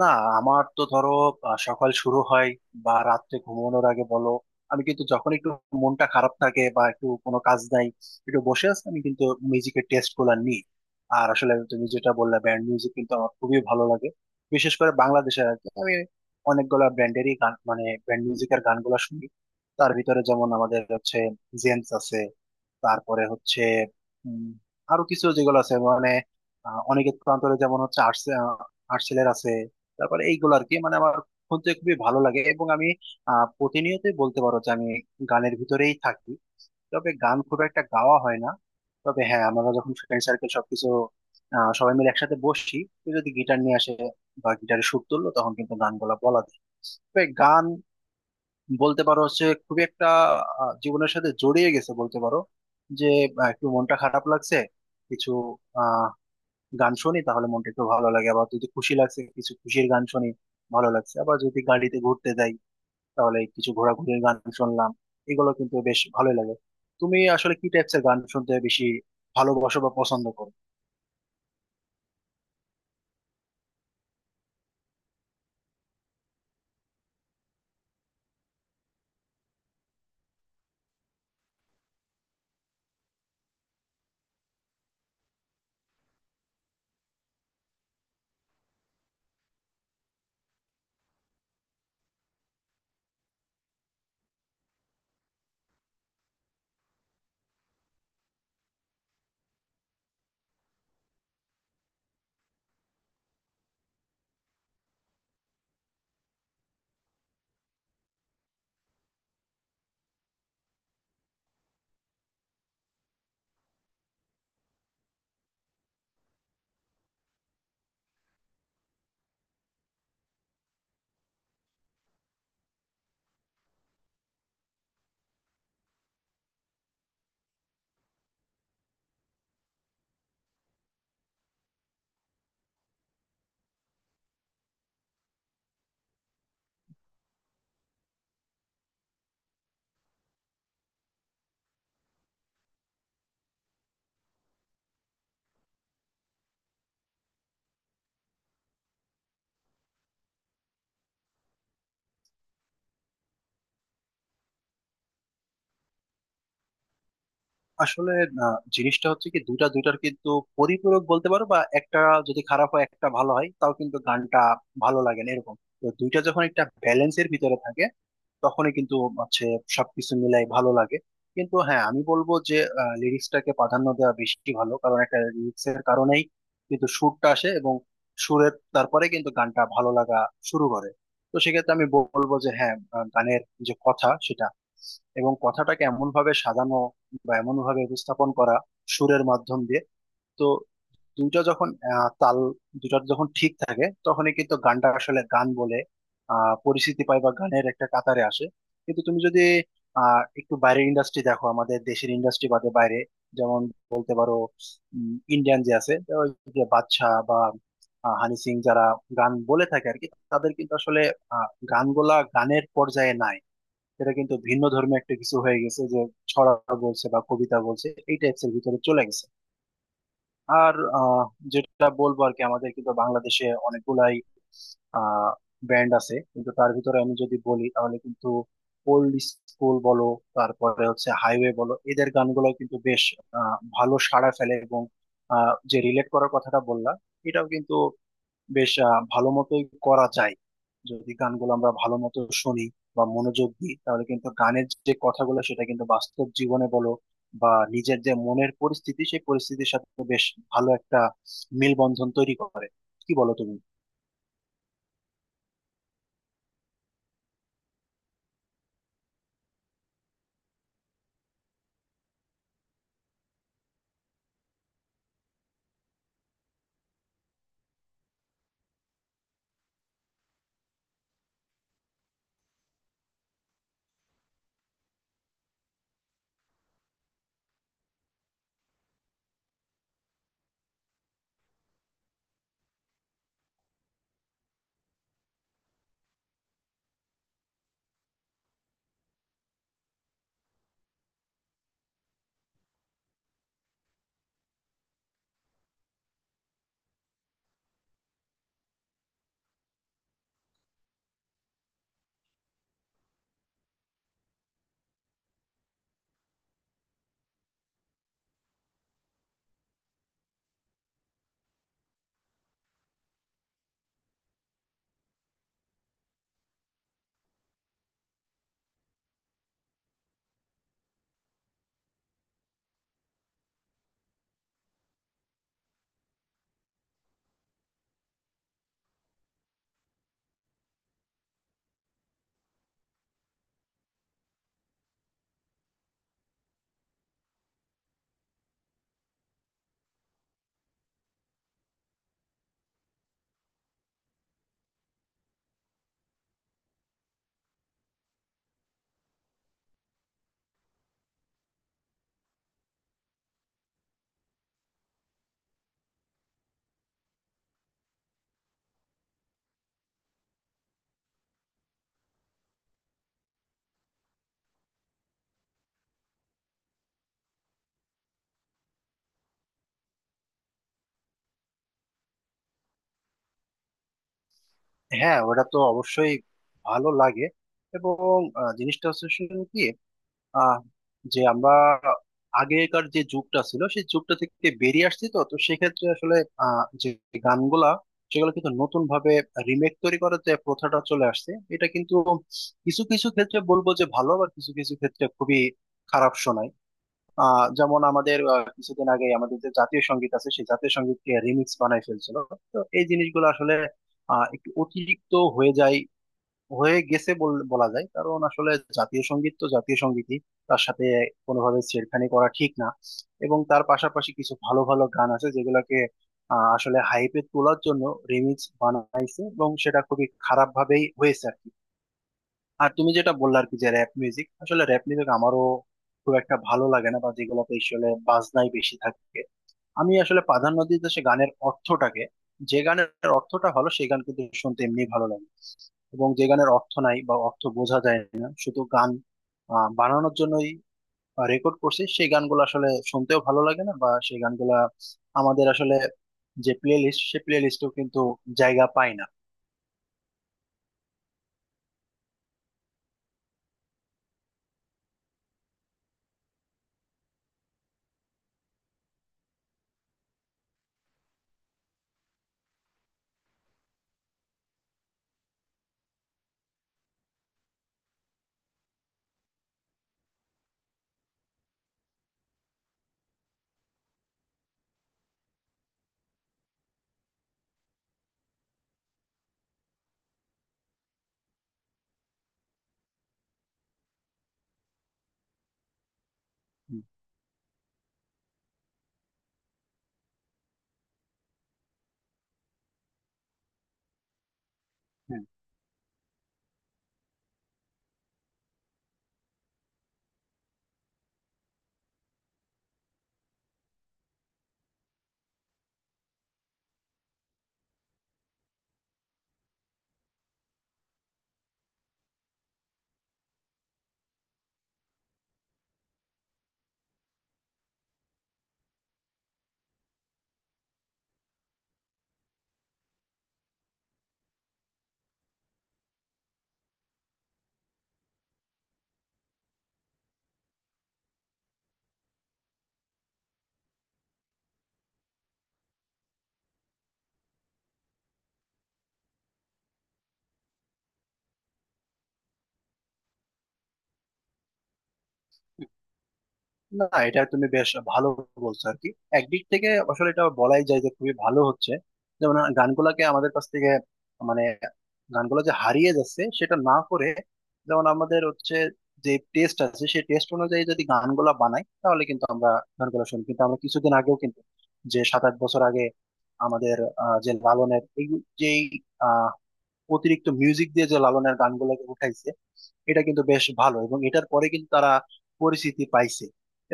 না, আমার তো ধরো সকাল শুরু হয় বা রাত্রে ঘুমানোর আগে বলো, আমি কিন্তু যখন একটু মনটা খারাপ থাকে বা একটু কোনো কাজ নাই, একটু বসে আছি আমি কিন্তু মিউজিকের টেস্ট গুলা নিই। আর আসলে তুমি যেটা বললে, ব্যান্ড মিউজিক কিন্তু আমার খুবই ভালো লাগে। বিশেষ করে বাংলাদেশের আর কি, আমি অনেকগুলো ব্যান্ডেরই গান মানে ব্যান্ড মিউজিকের গানগুলো শুনি। তার ভিতরে যেমন আমাদের হচ্ছে জেমস আছে, তারপরে হচ্ছে উম, আরো কিছু যেগুলো আছে মানে অনেকের প্রান্তরে যেমন হচ্ছে আর্টস, আর্টসেলের আছে। তারপরে এইগুলো আর কি, মানে আমার শুনতে খুবই ভালো লাগে এবং আমি প্রতিনিয়তই বলতে পারো যে আমি গানের ভিতরেই থাকি। তবে গান খুব একটা গাওয়া হয় না। তবে হ্যাঁ, আমরা যখন ফ্রেন্ড সার্কেল সবকিছু, সবাই মিলে একসাথে বসছি, কেউ যদি গিটার নিয়ে আসে বা গিটারে সুর তুললো, তখন কিন্তু গানগুলো বলা বলা যায়। তবে গান বলতে পারো হচ্ছে খুবই একটা জীবনের সাথে জড়িয়ে গেছে বলতে পারো। যে একটু মনটা খারাপ লাগছে, কিছু গান শুনি তাহলে মনটা একটু ভালো লাগে। আবার যদি খুশি লাগছে, কিছু খুশির গান শুনি, ভালো লাগছে। আবার যদি গাড়িতে ঘুরতে যাই, তাহলে কিছু ঘোরাঘুরির গান শুনলাম, এগুলো কিন্তু বেশ ভালোই লাগে। তুমি আসলে কি টাইপসের গান শুনতে বেশি ভালোবাসো বা পছন্দ করো? আসলে জিনিসটা হচ্ছে কি, দুইটা দুইটার কিন্তু পরিপূরক বলতে পারো। বা একটা যদি খারাপ হয় একটা ভালো হয় তাও কিন্তু গানটা ভালো লাগে না এরকম। তো দুইটা যখন একটা ব্যালেন্সের ভিতরে থাকে তখনই কিন্তু হচ্ছে সবকিছু মিলাই ভালো লাগে। কিন্তু হ্যাঁ, আমি বলবো যে লিরিক্সটাকে প্রাধান্য দেওয়া বেশি ভালো। কারণ একটা লিরিক্সের কারণেই কিন্তু সুরটা আসে এবং সুরের তারপরে কিন্তু গানটা ভালো লাগা শুরু করে। তো সেক্ষেত্রে আমি বলবো যে হ্যাঁ, গানের যে কথা সেটা এবং কথাটাকে এমন ভাবে সাজানো বা এমন ভাবে উপস্থাপন করা সুরের মাধ্যম দিয়ে। তো দুইটা যখন তাল, দুইটা যখন ঠিক থাকে তখনই কিন্তু গানটা আসলে গান বলে পরিচিতি পায় বা গানের একটা কাতারে আসে। কিন্তু তুমি যদি একটু বাইরের ইন্ডাস্ট্রি দেখো, আমাদের দেশের ইন্ডাস্ট্রি বাদে বাইরে, যেমন বলতে পারো ইন্ডিয়ান যে আছে, তো ওই যে বাদশা বা হানি সিং, যারা গান বলে থাকে আর কি, তাদের কিন্তু আসলে আহ, গানগুলা গানের পর্যায়ে নাই। এটা কিন্তু ভিন্ন ধর্মী একটা কিছু হয়ে গেছে, যে ছড়া বলছে বা কবিতা বলছে এই টাইপস এর ভিতরে চলে গেছে। আর যেটা বলবো আর কি, আমাদের কিন্তু বাংলাদেশে অনেকগুলাই আহ ব্যান্ড আছে, কিন্তু তার ভিতরে আমি যদি বলি তাহলে কিন্তু ওল্ড স্কুল বলো, তারপরে হচ্ছে হাইওয়ে বলো, এদের গানগুলো কিন্তু বেশ ভালো সাড়া ফেলে। এবং যে রিলেট করার কথাটা বললা, এটাও কিন্তু বেশ ভালো মতোই করা যায়। যদি গানগুলো আমরা ভালো মতো শুনি বা মনোযোগ দিই, তাহলে কিন্তু গানের যে কথাগুলো সেটা কিন্তু বাস্তব জীবনে বলো বা নিজের যে মনের পরিস্থিতি, সেই পরিস্থিতির সাথে বেশ ভালো একটা মেলবন্ধন তৈরি করে। কি বলো তুমি? হ্যাঁ, ওটা তো অবশ্যই ভালো লাগে। এবং জিনিসটা হচ্ছে শুধু কি আহ যে আমরা আগেকার যে যুগটা ছিল সেই যুগটা থেকে বেরিয়ে আসছি, তো তো সেক্ষেত্রে আসলে যে গানগুলা, সেগুলো কিন্তু নতুন ভাবে রিমেক তৈরি করার যে প্রথাটা চলে আসছে, এটা কিন্তু কিছু কিছু ক্ষেত্রে বলবো যে ভালো, আবার কিছু কিছু ক্ষেত্রে খুবই খারাপ শোনায়। যেমন আমাদের কিছুদিন আগে আমাদের যে জাতীয় সঙ্গীত আছে, সেই জাতীয় সঙ্গীতকে রিমিক্স বানায় ফেলছিল। তো এই জিনিসগুলো আসলে একটু অতিরিক্ত হয়ে যায়, হয়ে গেছে বলা যায়। কারণ আসলে জাতীয় সঙ্গীত তো জাতীয় সঙ্গীতই, তার সাথে কোনোভাবে ছেড়খানি করা ঠিক না। এবং তার পাশাপাশি কিছু ভালো ভালো গান আছে যেগুলোকে আসলে হাইপে তোলার জন্য রিমিক্স বানাইছে এবং সেটা খুবই খারাপ ভাবেই হয়েছে আর কি। আর তুমি যেটা বললে আর কি, যে র্যাপ মিউজিক, আসলে র্যাপ মিউজিক আমারও খুব একটা ভালো লাগে না, বা যেগুলোতে আসলে বাজনাই বেশি থাকে। আমি আসলে প্রাধান্য দিতে সে গানের অর্থটাকে। যে গানের অর্থটা ভালো সেই গান কিন্তু শুনতে এমনি ভালো লাগে। এবং যে গানের অর্থ নাই বা অর্থ বোঝা যায় না, শুধু গান বানানোর জন্যই রেকর্ড করছে, সেই গানগুলো আসলে শুনতেও ভালো লাগে না। বা সেই গানগুলা আমাদের আসলে যে প্লে লিস্ট, সেই প্লে লিস্টেও কিন্তু জায়গা পায় না। হুম, হুম। না, এটা তুমি বেশ ভালো বলছো আর কি। একদিক থেকে আসলে এটা বলাই যায় যে খুবই ভালো হচ্ছে। যেমন গানগুলাকে আমাদের কাছ থেকে মানে গানগুলো যে হারিয়ে যাচ্ছে সেটা না করে, যেমন আমাদের হচ্ছে যে টেস্ট আছে সেই টেস্ট অনুযায়ী যদি গানগুলা বানাই তাহলে কিন্তু আমরা গানগুলো শুনি। কিন্তু আমরা কিছুদিন আগেও কিন্তু, যে 7-8 বছর আগে, আমাদের যে লালনের এই যে অতিরিক্ত মিউজিক দিয়ে যে লালনের গানগুলোকে উঠাইছে, এটা কিন্তু বেশ ভালো। এবং এটার পরে কিন্তু তারা পরিচিতি পাইছে।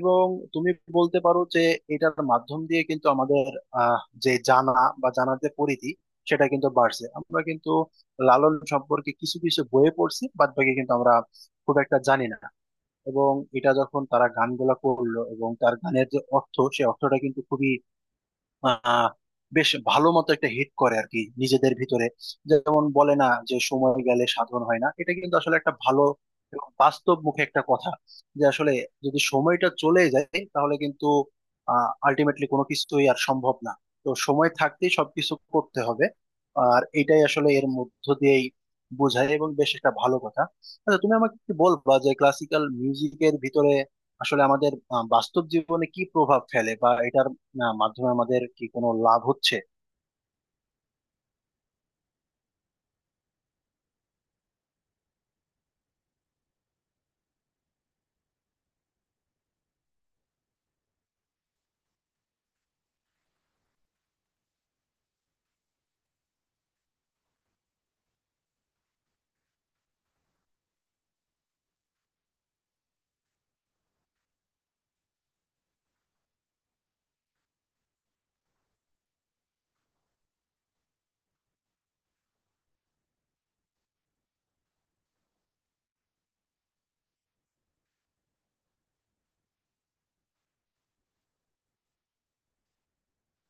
এবং তুমি বলতে পারো যে এটার মাধ্যম দিয়ে কিন্তু আমাদের আহ, যে জানা বা জানার যে পরিধি, সেটা কিন্তু বাড়ছে। আমরা কিন্তু লালন সম্পর্কে কিছু কিছু বইয়ে পড়ছি, বাদ বাকি কিন্তু আমরা খুব একটা জানি না। এবং এটা যখন তারা গানগুলা করলো এবং তার গানের যে অর্থ সে অর্থটা কিন্তু খুবই আহ বেশ ভালো মতো একটা হিট করে আর কি নিজেদের ভিতরে। যেমন বলে না যে সময় গেলে সাধন হয় না, এটা কিন্তু আসলে একটা ভালো বাস্তব মুখে একটা কথা। যে আসলে যদি সময়টা চলে যায় তাহলে কিন্তু আলটিমেটলি কোনো কিছুই আর সম্ভব না। তো সময় থাকতেই সবকিছু করতে হবে। আর এটাই আসলে এর মধ্য দিয়েই বোঝায় এবং বেশ একটা ভালো কথা। আচ্ছা, তুমি আমাকে কি বলবা যে ক্লাসিক্যাল মিউজিকের ভিতরে আসলে আমাদের বাস্তব জীবনে কি প্রভাব ফেলে বা এটার না মাধ্যমে আমাদের কি কোনো লাভ হচ্ছে?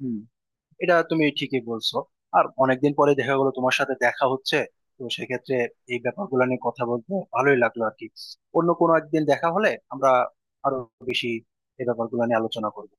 হুম, এটা তুমি ঠিকই বলছো। আর অনেকদিন পরে দেখা গেলো তোমার সাথে দেখা হচ্ছে, তো সেক্ষেত্রে এই ব্যাপারগুলো নিয়ে কথা বলতে ভালোই লাগলো আর কি। অন্য কোনো একদিন দেখা হলে আমরা আরো বেশি এই ব্যাপারগুলো নিয়ে আলোচনা করবো।